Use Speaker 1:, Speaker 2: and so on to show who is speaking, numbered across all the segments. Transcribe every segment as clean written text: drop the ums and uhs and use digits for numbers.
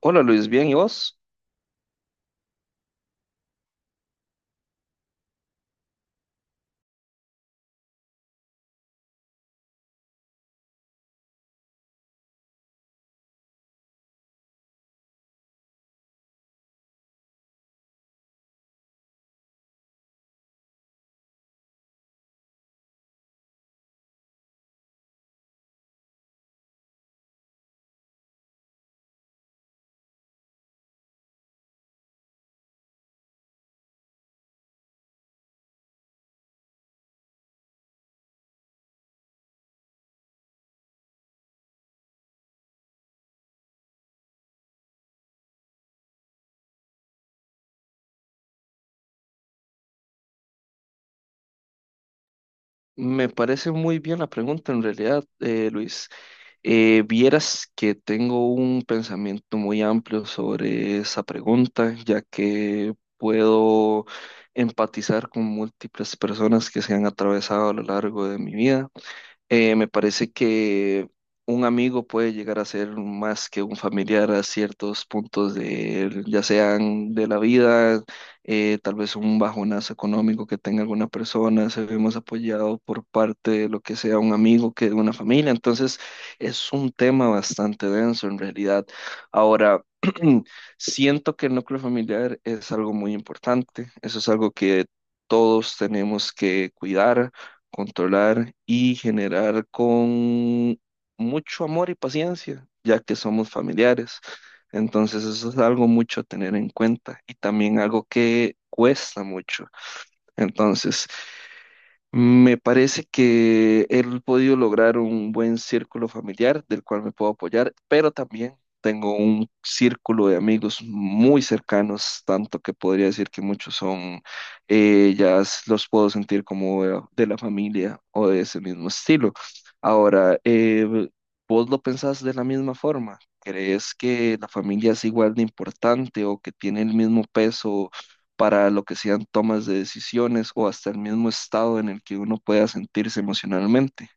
Speaker 1: Hola Luis, bien, ¿y vos? Me parece muy bien la pregunta en realidad, Luis. Vieras que tengo un pensamiento muy amplio sobre esa pregunta, ya que puedo empatizar con múltiples personas que se han atravesado a lo largo de mi vida. Me parece que un amigo puede llegar a ser más que un familiar a ciertos puntos de, ya sean de la vida, tal vez un bajonazo económico que tenga alguna persona, se ve más apoyado por parte de lo que sea un amigo que de una familia. Entonces, es un tema bastante denso en realidad. Ahora, siento que el núcleo familiar es algo muy importante, eso es algo que todos tenemos que cuidar, controlar y generar con mucho amor y paciencia, ya que somos familiares. Entonces eso es algo mucho a tener en cuenta y también algo que cuesta mucho. Entonces, me parece que he podido lograr un buen círculo familiar del cual me puedo apoyar, pero también tengo un círculo de amigos muy cercanos, tanto que podría decir que muchos son, los puedo sentir como de la familia o de ese mismo estilo. Ahora, ¿vos lo pensás de la misma forma? ¿Crees que la familia es igual de importante o que tiene el mismo peso para lo que sean tomas de decisiones o hasta el mismo estado en el que uno pueda sentirse emocionalmente?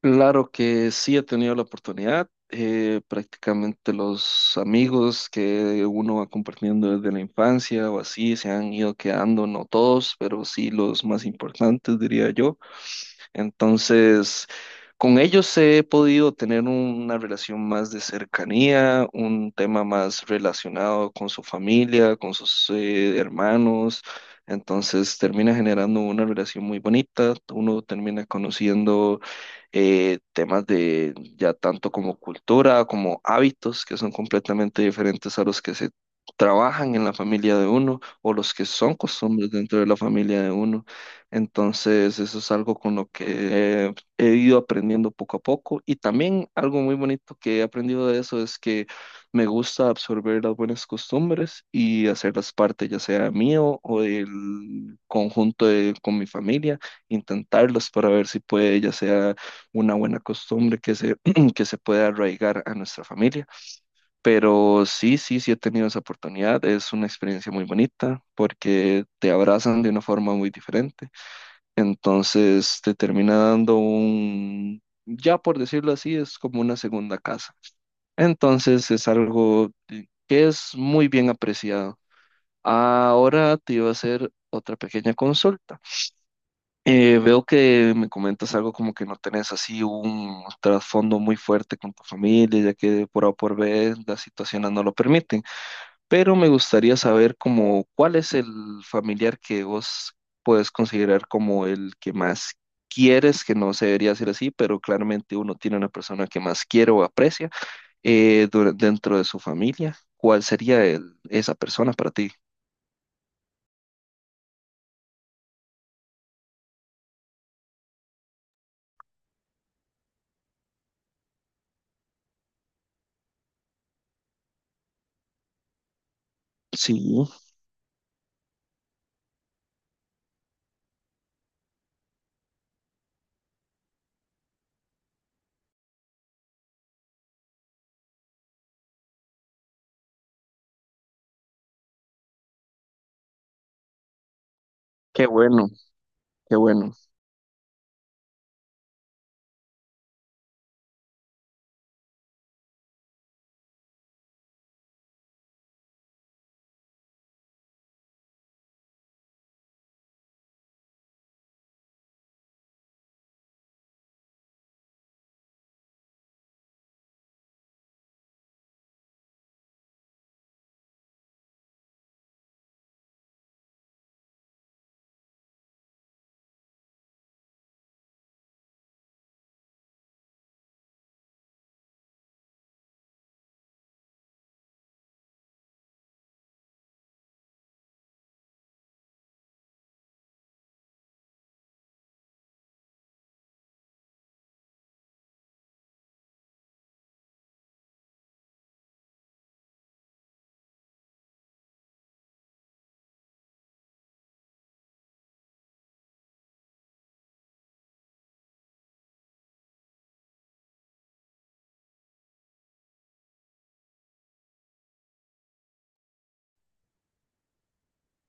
Speaker 1: Claro que sí he tenido la oportunidad, prácticamente los amigos que uno va compartiendo desde la infancia o así se han ido quedando, no todos, pero sí los más importantes, diría yo. Entonces, con ellos he podido tener una relación más de cercanía, un tema más relacionado con su familia, con sus hermanos. Entonces termina generando una relación muy bonita, uno termina conociendo temas de ya tanto como cultura, como hábitos que son completamente diferentes a los que se trabajan en la familia de uno o los que son costumbres dentro de la familia de uno. Entonces, eso es algo con lo que he ido aprendiendo poco a poco. Y también algo muy bonito que he aprendido de eso es que me gusta absorber las buenas costumbres y hacerlas parte, ya sea mío o del conjunto de- con mi familia, intentarlas para ver si puede, ya sea una buena costumbre que que se pueda arraigar a nuestra familia. Pero sí, sí, sí he tenido esa oportunidad. Es una experiencia muy bonita porque te abrazan de una forma muy diferente, entonces te termina dando un, ya por decirlo así, es como una segunda casa. Entonces es algo que es muy bien apreciado. Ahora te iba a hacer otra pequeña consulta. Veo que me comentas algo como que no tenés así un trasfondo muy fuerte con tu familia, ya que por A o por B las situaciones no lo permiten, pero me gustaría saber como cuál es el familiar que vos puedes considerar como el que más quieres, que no se debería ser así, pero claramente uno tiene una persona que más quiere o aprecia dentro de su familia. ¿Cuál sería esa persona para ti? Sí, qué bueno, qué bueno.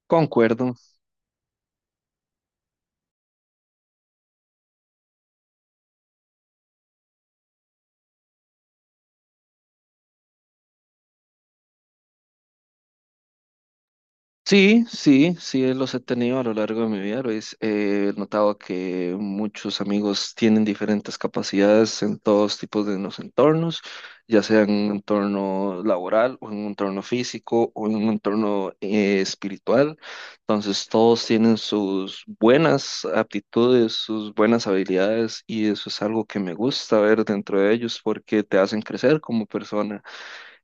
Speaker 1: Concuerdo. Sí, sí, sí, los he tenido a lo largo de mi vida, Luis. He notado que muchos amigos tienen diferentes capacidades en todos tipos de los entornos, ya sea en un entorno laboral o en un entorno físico o en un entorno espiritual. Entonces, todos tienen sus buenas aptitudes, sus buenas habilidades y eso es algo que me gusta ver dentro de ellos porque te hacen crecer como persona.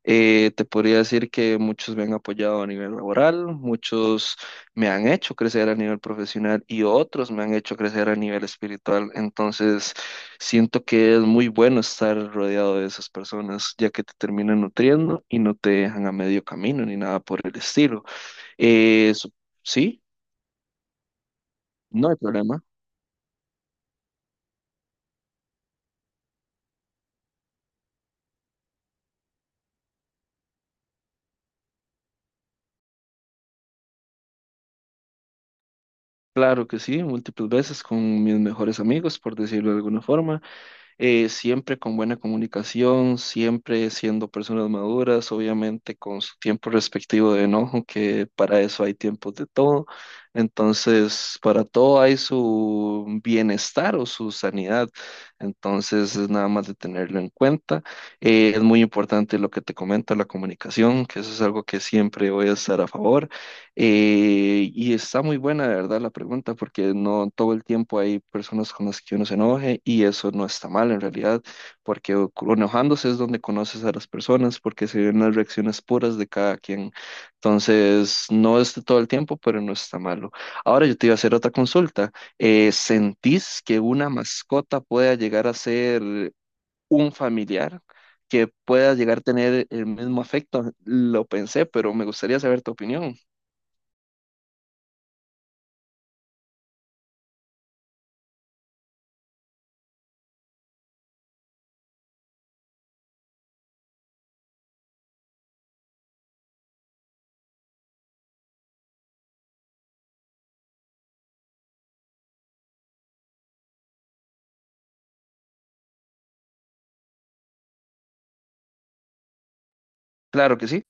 Speaker 1: Te podría decir que muchos me han apoyado a nivel laboral, muchos me han hecho crecer a nivel profesional y otros me han hecho crecer a nivel espiritual. Entonces, siento que es muy bueno estar rodeado de esas personas, ya que te terminan nutriendo y no te dejan a medio camino ni nada por el estilo. Eh, su- sí, no hay problema. Claro que sí, múltiples veces con mis mejores amigos, por decirlo de alguna forma. Siempre con buena comunicación, siempre siendo personas maduras, obviamente con su tiempo respectivo de enojo, que para eso hay tiempos de todo. Entonces, para todo hay su bienestar o su sanidad. Entonces, es nada más de tenerlo en cuenta. Es muy importante lo que te comento, la comunicación, que eso es algo que siempre voy a estar a favor. Y está muy buena, de verdad, la pregunta, porque no todo el tiempo hay personas con las que uno se enoje y eso no está mal en realidad, porque enojándose es donde conoces a las personas, porque se ven las reacciones puras de cada quien. Entonces, no es de todo el tiempo, pero no está malo. Ahora yo te iba a hacer otra consulta. ¿Sentís que una mascota pueda llegar a ser un familiar? ¿Que pueda llegar a tener el mismo afecto? Lo pensé, pero me gustaría saber tu opinión. Claro que sí.